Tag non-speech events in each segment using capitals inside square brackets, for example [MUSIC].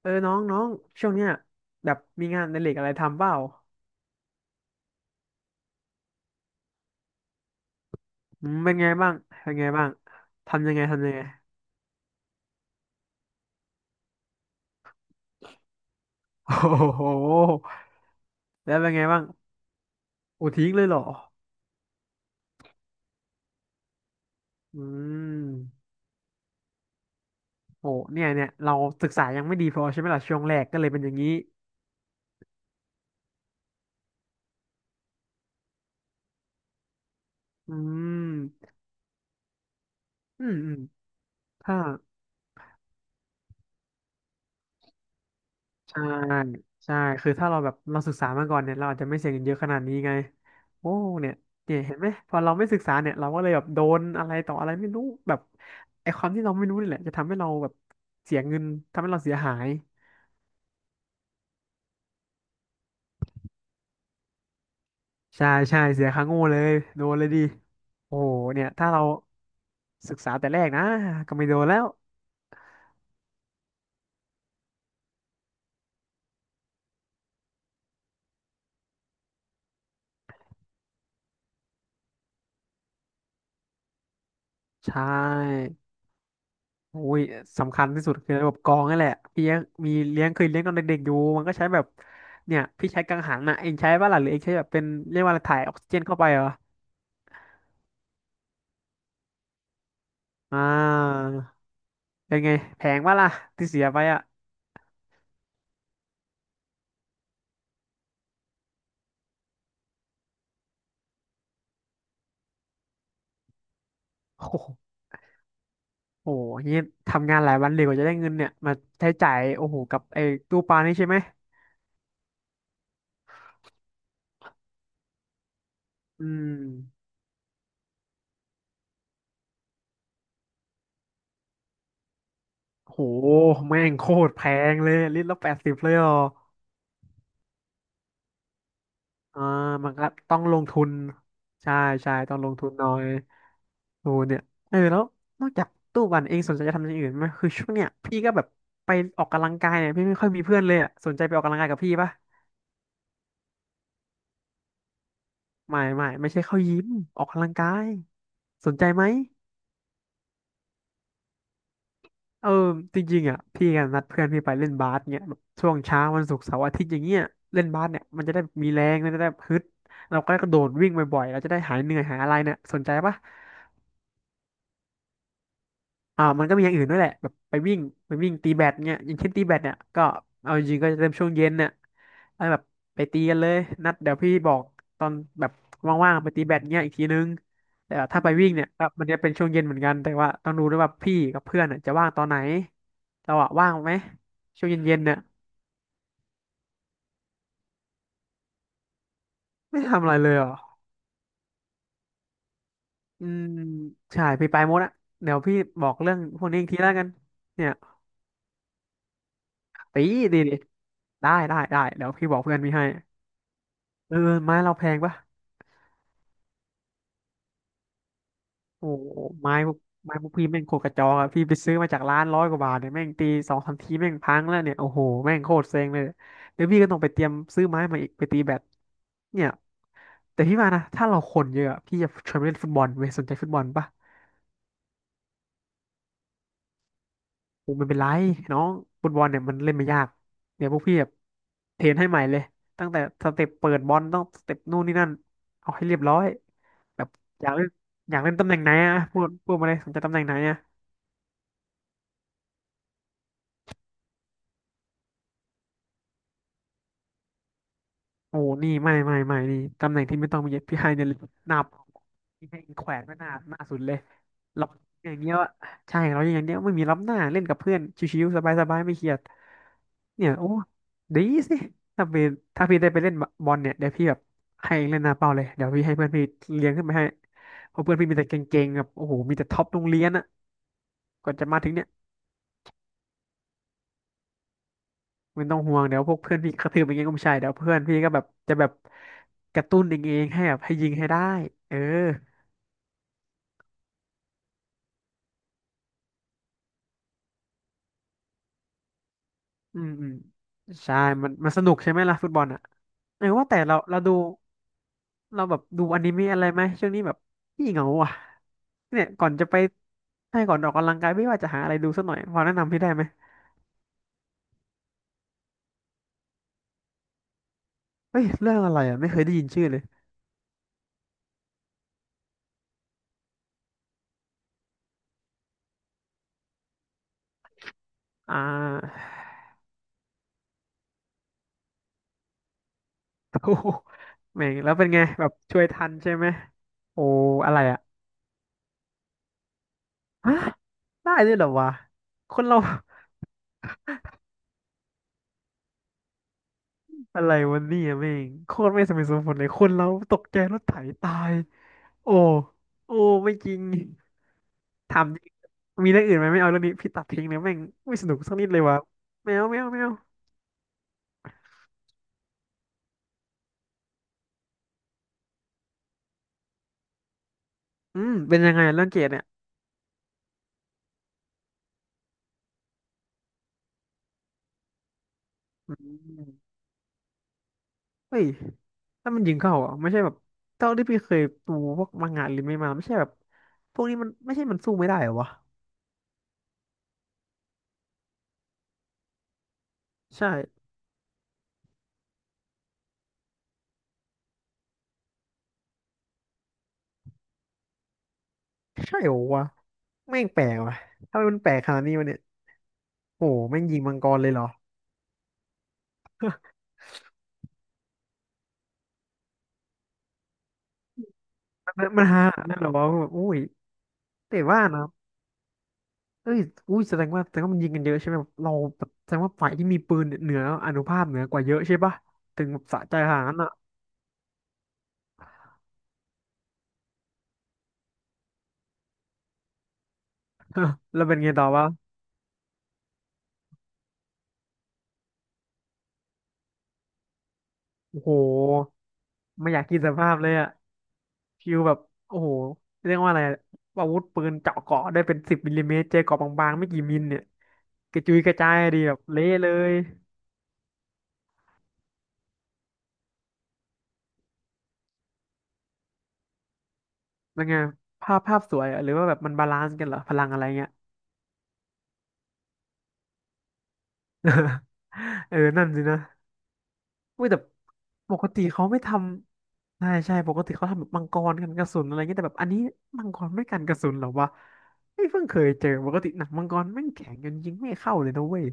เออน้องน้องช่วงเนี้ยแบบมีงานในเหล็กอะไรทำเปล่าอืมเป็นไงบ้างเป็นไงบ้างทำยังไงทำยังไง [LAUGHS] โอ้โหแล้วเป็นไงบ้างโอ้ทิ้งเลยเหรออืมโหเนี่ยเนี่ยเราศึกษายังไม่ดีพอใช่ไหมล่ะช่วงแรกก็เลยเป็นอย่างนี้อืมอืมอืมถ้า ใช่ใช่คือถ้าเราแบบเราศึกษามาก่อนเนี่ยเราอาจจะไม่เสียเงินเยอะขนาดนี้ไงโอ้เนี่ยเนี่ยเห็นไหมพอเราไม่ศึกษาเนี่ยเราก็เลยแบบโดนอะไรต่ออะไรไม่รู้แบบไอ้ความที่เราไม่รู้นี่แหละจะทำให้เราแบบเสียเงินทำให้เราเสียหายใช่ใช่เสียค่าโง่เลยโดนเลยดิโอ้เนี่ยถ้าเราศึกษาแต่แรกนะก็ไม่โดนแล้วใช่ โอ้ยสำคัญที่สุดคือระบบกรองนั่นแหละพี่ยังมีเลี้ยงเคยเลี้ยงตอนเด็กๆอยู่มันก็ใช้แบบเนี่ยพี่ใช้กังหันนะเองใช้ป่ะล่ะหรือเองใช้แบบเป็นเรียกว่าอะไรถ่ายออกซิเจนเข้าไปเหรออ่าเป็นไงแพงป่ะล่ะที่เสียไปอ่ะโอ้โหโอ้โหนี่ทำงานหลายวันเลยกว่าจะได้เงินเนี่ยมาใช้จ่ายโอ้โหกับไอ้ตู้ปลานี่ใช่ไหมอืมโหแม่งโคตรแพงเลยลิตรละแปดสิบเลยเหรออ่ามันก็ต้องลงทุนใช่ใช่ต้องลงทุนหน่อย โอ้เนี่ยเออแล้วนอกจากตู้ปั่นเองสนใจจะทำอย่างอื่นไหมคือช่วงเนี้ยพี่ก็แบบไปออกกำลังกายเนี่ยพี่ไม่ค่อยมีเพื่อนเลยอ่ะสนใจไปออกกำลังกายกับพี่ปะไม่ไม่ไม่ใช่เข้ายิมออกกำลังกายสนใจไหมเออจริงๆอ่ะพี่กันนัดเพื่อนพี่ไปเล่นบาสเนี่ยแบบช่วงเช้าวันศุกร์เสาร์อาทิตย์อย่างเงี้ยเล่นบาสเนี่ยมันจะได้มีแรงมันจะได้ฮึดเราก็กระโดดวิ่งบ่อยๆเราจะได้หายเหนื่อยหายอะไรเนี่ยสนใจปะ อ่ามันก็มีอย่างอื่นด้วยแหละแบบไปวิ่งไปวิ่งตีแบดเงี้ยอย่างเช่นตีแบดเนี่ยก็เอาจริงๆก็จะเริ่มช่วงเย็นเนี่ยแล้วแบบไปตีกันเลยนัดเดี๋ยวพี่บอกตอนแบบว่างๆไปตีแบดเงี้ยอีกทีนึงแต่ว่าถ้าไปวิ่งเนี่ยก็มันจะเป็นช่วงเย็นเหมือนกันแต่ว่าต้องดูด้วยว่าพี่กับเพื่อนน่ะจะว่างตอนไหนเราอะว่างไหมช่วงเย็นๆเนี่ยไม่ทำอะไรเลยเหรออืมใช่พี่ไปหมดอะเดี๋ยวพี่บอกเรื่องพวกนี้อีกทีแล้วกันเนี่ยตีดีดีได้ได้ได้เดี๋ยวพี่บอกเพื่อนพี่ให้เออไม้เราแพงปะ โอ้โหไม้พวกไม้พวกพี่แม่งโคตรกระจอกอะพี่ไปซื้อมาจากร้านร้อยกว่าบาทเนี่ยแม่งตีสองสามทีแม่งพังแล้วเนี่ยโอ้โหแม่งโคตรเซ็งเลยเดี๋ยวพี่ก็ต้องไปเตรียมซื้อไม้มาอีกไปตีแบดเนี่ยแต่พี่ว่านะถ้าเราคนเยอะอะพี่จะชวนไปเล่นฟุตบอลเว้ยสนใจฟุตบอลปะโอ้ไม่เป็นไรน้องฟุตบอลเนี่ยมันเล่นไม่ยากเดี๋ยวพวกพี่แบบเทรนให้ใหม่เลยตั้งแต่สเต็ปเปิดบอลต้องสเต็ปนู่นนี่นั่นเอาให้เรียบร้อยแบบอยากเล่นอยากเล่นตำแหน่งไหนอะพูดมาเลยสนใจตำแหน่งไหนอะ โอ้นี่ไม่ไม่ไม่นี่ตำแหน่งที่ไม่ต้องมีพี่ไฮเนี่ยหน้าเป้าพี่ให้แขวนไว้หน้าหน้าสุดเลยเรัอย่างเงี้ยวอะใช่เราอย่างเงี้ยไม่มีรับหน้าเล่นกับเพื่อนชิวๆสบายๆไม่เครียดเนี่ยโอ้ดีสิถ้าเป็นถ้าพี่ได้ไปเล่นบอลเนี่ยเดี๋ยวพี่แบบให้เล่นหน้าเป้าเลยเดี๋ยวพี่ให้เพื่อนพี่เลี้ยงขึ้นไปให้เพราะเพื่อนพี่มีแต่เก่งๆแบบโอ้โหมีแต่ท็อปโรงเรียนอะก่อนจะมาถึงเนี่ยไม่ต้องห่วงเดี๋ยวพวกเพื่อนพี่กระทืบอย่างเงี้ยก็ไม่ใช่เดี๋ยวเพื่อนพี่ก็แบบจะแบบกระตุ้นเองๆให้แบบให้ยิงให้ได้เออ อืมอืมใช่มันมันสนุกใช่ไหมล่ะฟุตบอลอ่ะเออว่าแต่เราเราดูเราแบบดูอนิเมะอะไรไหมช่วงนี้แบบพี่เหงาอ่ะเนี่ยก่อนจะไปให้ก่อนออกกำลังกายไม่ว่าจะหาอะไรดูสักหน่อยพอแนะนำพี่ได้ไหมเฮ้ยเรื่องอะไรอ่ะไม่เคยได้ยินชื่อเลยอ่า [LAUGHS] โอ้โหแม่งแล้วเป็นไงแบบช่วยทันใช่ไหมโอ้อะไรอ่ะฮะได้ด้วยเหรอวะคนเรา [LAUGHS] อะไรวันนี้อ่ะแม่งโคตรไม่สมเหตุสมผลเลยคนเราตกใจรถไถตายโอ้โอ้ไม่จริง ถามจริงมีเรื่องอื่นไหมไม่เอาเรื่องนี้พี่ตัดทิ้งเลยแม่งไม่สนุกสักนิดเลยวะแมวแมวแมวอืมเป็นยังไงอะเรื่องเกรดเนี่ยอืมเฮ้ยถ้ามันยิงเข้าอ่ะไม่ใช่แบบเท่าที่พี่เคยดูพวกมังงะหรือไม่มาไม่ใช่แบบพวกนี้มันไม่ใช่มันสู้ไม่ได้เหรอวะใช่ใช่เหรอวะแม่งแปลกว่ะถ้ามันแปลกขนาดนี้วะเนี่ยโอ้โหแม่งยิงมังกรเลยเหรอมันฮานั่นเหรอวะแบบอุ้ยแต่ว่านะ เอ้ยอุ้ยแสดงว่าแสดงว่ามันยิงกันเยอะใช่ไหมแบบเราแบบแสดงว่าฝ่ายที่มีปืนเนี่ยเหนืออานุภาพเหนือกว่าเยอะใช่ปะถึงแบบสะใจขนาดนั้นอ่ะแล้วเป็นไงต่อวะโอ้โหไม่อยากกินสภาพเลยอ่ะฟิวแบบโอ้โหเรียกว่าอะไรอะอาวุธปืนเจาะเกราะได้เป็น10 มม.เจอเกราะบางๆไม่กี่มิลเนี่ยกระจุยกระจายดีแบบเละเลยยังไงภาพภาพสวยอะหรือว่าแบบมันบาลานซ์กันเหรอพลังอะไรเงี้ย [LAUGHS] เออนั่นสินะ อุ้ยแต่ปกติเขาไม่ทำใช่ใช่ปกติเขาทำแบบมังกรกันกระสุนอะไรเงี้ยแต่แบบอันนี้มังกรไม่กันกระสุนเหรอวะไม่เพิ่งเคยเจอปกติหนังมังกรแม่งแข็งจนยิงไม่เข้าเลยนะเว้ย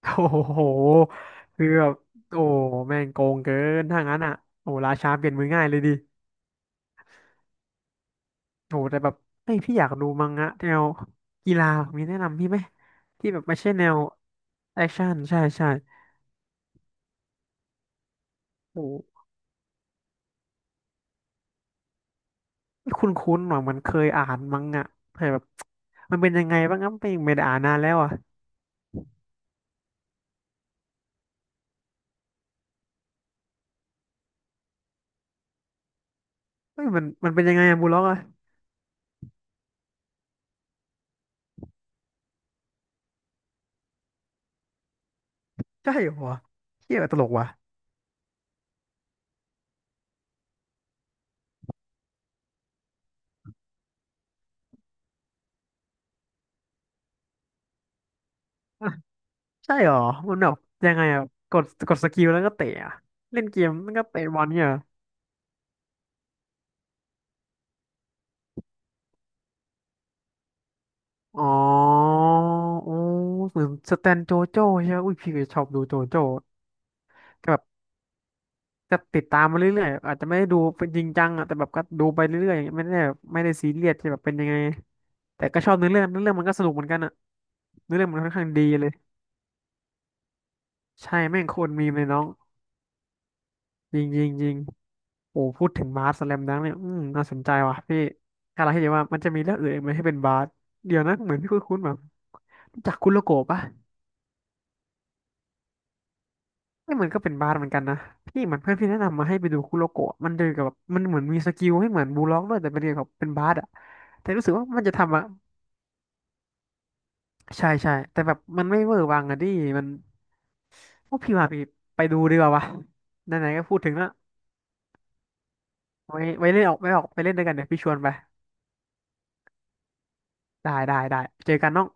โอ้โหคือแบบโอ้แม่งโกงเกินถ้างั้นอ่ะโอ้ราชาเปลี่ยนมือง่ายเลยดิโอ้แต่แบบเอ้ยพี่อยากดูมังงะแนวกีฬามีแนะนำพี่ไหมที่แบบไม่ใช่แนวแอคชั่นใช่ใช่โอ้ คุ้นๆหน่อยมันเคยอ่านมั้งอ่ะแต่แบบมันเป็นยังไงบ้างครับไม่ไม่ได้อ่านนานแล้วอ่ะเฮ้ยมันเป็นยังไงอะบูลล็อกอ่ะ ใช่เหรอเที่ยตลกว่ะอ่ะใช่เหรอ มันแบบยังไงอ่ะ กดสกิลแล้วก็เตะอะเล่นเกมแล้วก็เตะบอลเนี่ยเหรออ๋อโอ้เหมือนสแตนโจโจ้ใช่ไหมอุ้ยพี่ก็ชอบดูโจโจ้ก็แบบจะติดตามมาเรื่อยๆอาจจะไม่ได้ดูเป็นจริงจังอ่ะ แต่แบบก็ดูไปเรื่อยๆอย่างเงี้ยไม่ได้แบบไม่ได้ซีเรียสที่แบบเป็นยังไงแต่ก็ชอบเนื้อเรื่องเนื้อเรื่องมันก็สนุกเหมือนกันอะ เนื้อเรื่องมันค่อนข้างดีเลยใช่แม่งโคตรมีมเลยน้องจริงจริงจริงโอ้พูดถึงบาสสแลมดังเนี่ยอืมน่าสนใจว่ะพี่ถ้าเราให้ดีว่ามันจะมีเรื่องอื่นอีกไหมให้เป็นบาสเดี๋ยวนะเหมือนพี่คุ้นๆแบบรู้จากคุโรโกะปะนี่มันก็เป็นบาสเหมือนกันนะพี่เหมือนเพื่อนพี่แนะนำมาให้ไปดูคุโรโกะมันเดินกับแบบมันเหมือนมีสกิลให้เหมือนบูลล็อกด้วยแต่เป็นเกี่ยวกับเป็นบาสอะแต่รู้สึกว่ามันจะทำอะใช่ใช่แต่แบบมันไม่เวอร์วังอะดิมันพวกพี่ว่าพี่ไปดูดีกว่าวะไหนๆก็พูดถึงละไว้เล่นออกออกไปเล่นด้วยกันเดี๋ยวพี่ชวนไป ได้เจอกันน้อง